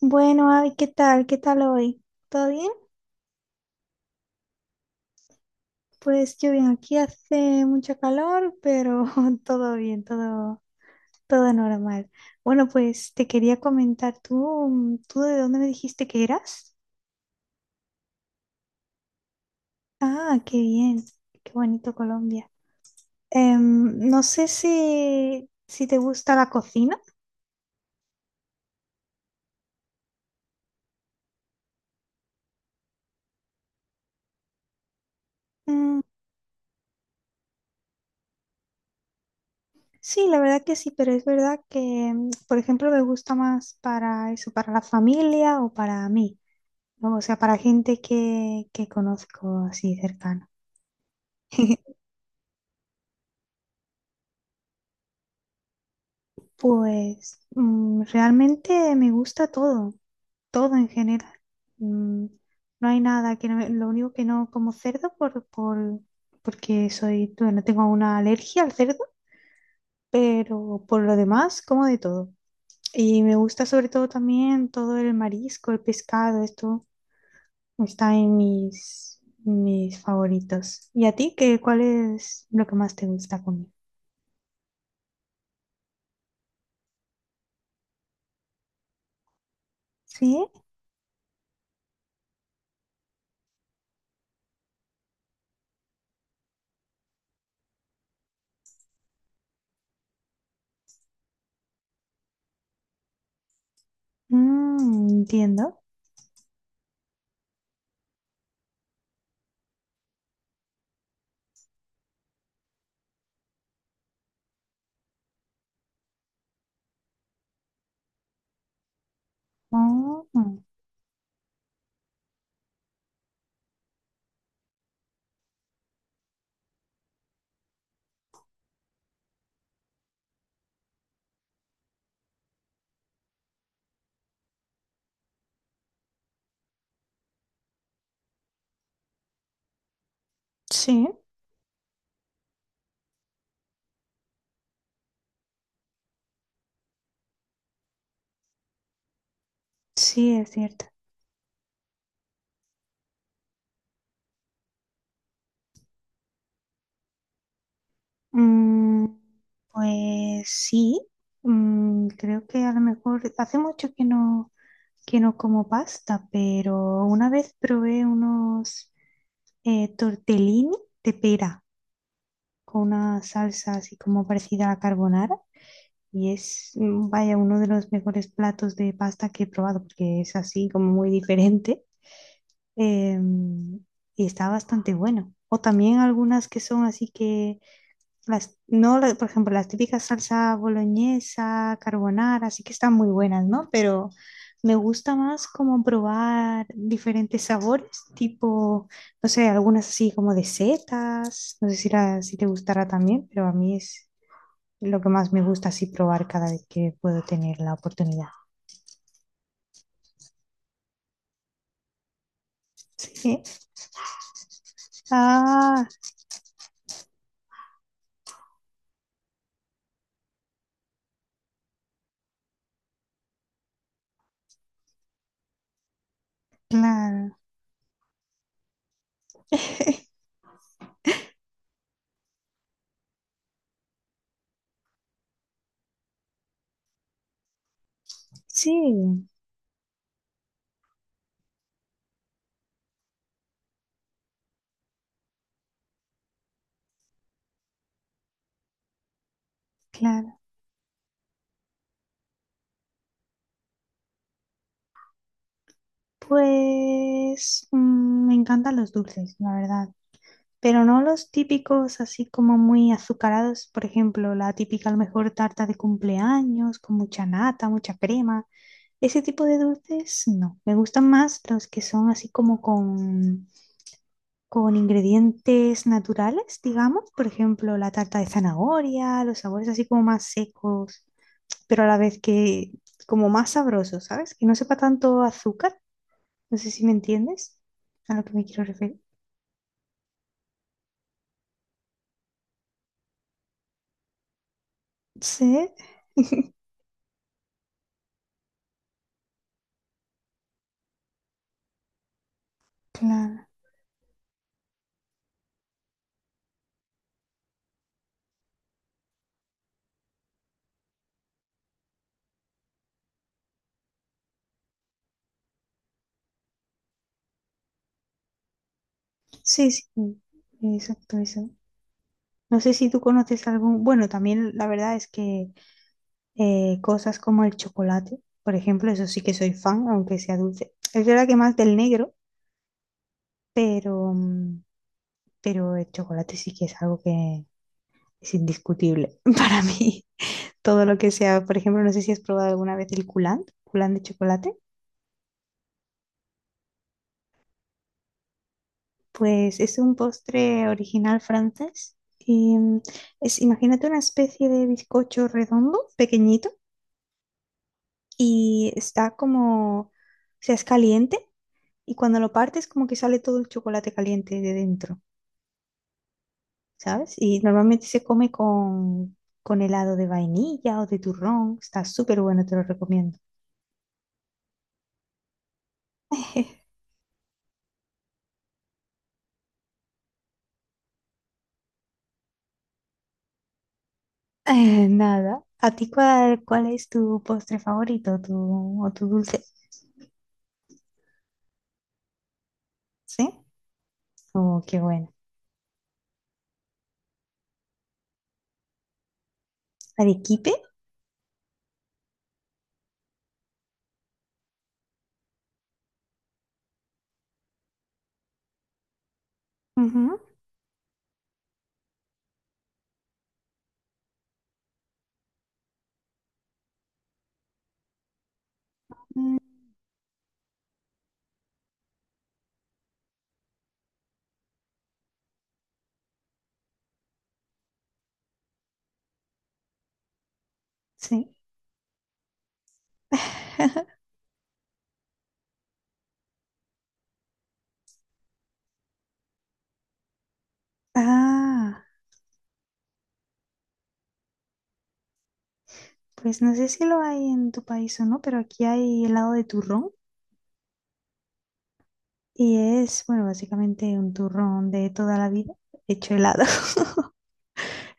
Bueno, Abby, ¿qué tal? ¿Qué tal hoy? ¿Todo bien? Pues yo bien, aquí hace mucho calor, pero todo bien, todo, todo normal. Bueno, pues te quería comentar, ¿tú de dónde me dijiste que eras? Ah, qué bien, qué bonito Colombia. No sé si te gusta la cocina. Mm, sí, la verdad que sí, pero es verdad que, por ejemplo, me gusta más para eso, para la familia o para mí. No, o sea, para gente que conozco así cercana. Pues realmente me gusta todo, todo en general. Mm, no hay nada que no me- lo único que no como cerdo por porque soy, no tengo una alergia al cerdo, pero por lo demás como de todo. Y me gusta sobre todo también todo el marisco, el pescado, esto está en mis mis favoritos. ¿Y a ti qué cuál es lo que más te gusta comer? Sí. Mm, entiendo. Oh, mm. Sí, sí, es cierto. Mm, pues sí. Mm, creo que a lo mejor hace mucho que no como pasta, pero una vez probé unos tortellini de pera con una salsa así como parecida a la carbonara y es, vaya, uno de los mejores platos de pasta que he probado porque es así como muy diferente. eh, y está bastante bueno. O también algunas que son así que, las, no, la- por ejemplo, las típicas salsa boloñesa, carbonara, así que están muy buenas, ¿no? Pero me gusta más como probar diferentes sabores, tipo, no sé, algunas así como de setas, no sé si, la- si te gustará también, pero a mí es lo que más me gusta así probar cada vez que puedo tener la oportunidad. Sí, ah, claro, sí, claro. Pues me encantan los dulces, la verdad. Pero no los típicos así como muy azucarados, por ejemplo, la típica a lo mejor tarta de cumpleaños con mucha nata, mucha crema. Ese tipo de dulces no. Me gustan más los que son así como con ingredientes naturales, digamos. Por ejemplo, la tarta de zanahoria, los sabores así como más secos, pero a la vez que como más sabrosos, ¿sabes? Que no sepa tanto azúcar, no sé si me entiendes a lo que me quiero referir. Sí, claro. Sí, sí, sí, exacto, eso. No sé si tú conoces algún... Bueno, también la verdad es que cosas como el chocolate, por ejemplo, eso sí que soy fan, aunque sea dulce. Es verdad que más del negro, pero pero el chocolate sí que es algo que es indiscutible para mí. Todo lo que sea, por ejemplo, no sé si has probado alguna vez el coulant, coulant de chocolate. Pues es un postre original francés. Y es, imagínate una especie de bizcocho redondo, pequeñito, y está como, o sea, es caliente y cuando lo partes como que sale todo el chocolate caliente de dentro, ¿sabes? Y normalmente se come con helado de vainilla o de turrón. Está súper bueno, te lo recomiendo. Nada. ¿A ti cuál es tu postre favorito tu, o tu dulce? ¿Sí? Oh, qué bueno. ¿Arequipe? Ujú. Mm. Sí. Ah, pues no sé si lo hay en tu país o no, pero aquí hay helado de turrón y es, bueno, básicamente un turrón de toda la vida hecho helado.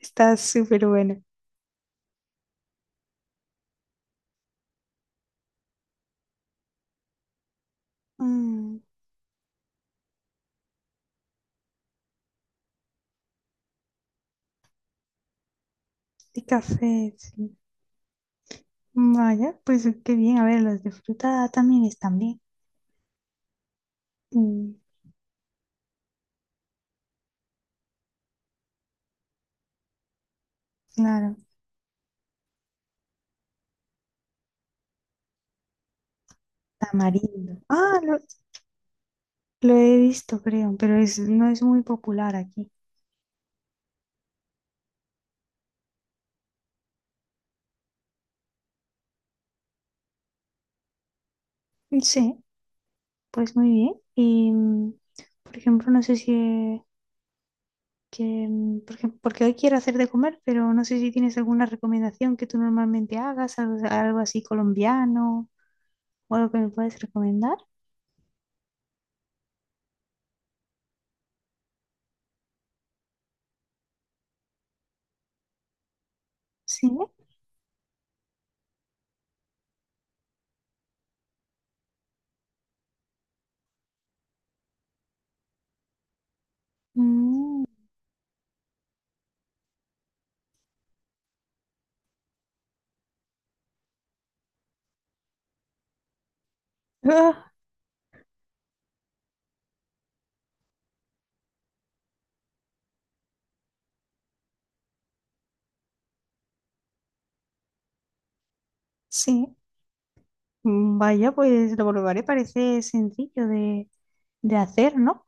Está súper bueno. Mm, y café, sí. Vaya, pues qué bien. A ver, los de fruta también están bien. Mm, claro. Tamarindo. Ah, lo he visto, creo, pero es, no es muy popular aquí. Sí, pues muy bien. Y, por ejemplo, no sé si que, por ejemplo, porque hoy quiero hacer de comer, pero no sé si tienes alguna recomendación que tú normalmente hagas, algo, algo así colombiano o algo que me puedes recomendar. Sí. Mm. Ah, sí. Mm, vaya, pues lo probaré, parece sencillo de hacer, ¿no?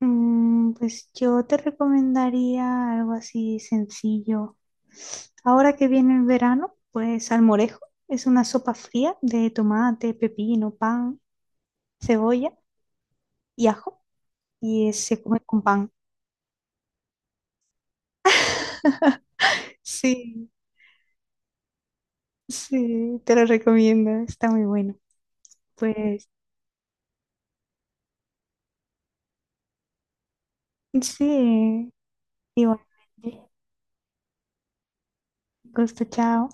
Mm, pues yo te recomendaría algo así sencillo. Ahora que viene el verano, pues salmorejo es una sopa fría de tomate, pepino, pan, cebolla y ajo. Y es- se come con pan. Sí, sí, te lo recomiendo, está muy bueno. Pues sí, igualmente, gusto, chao.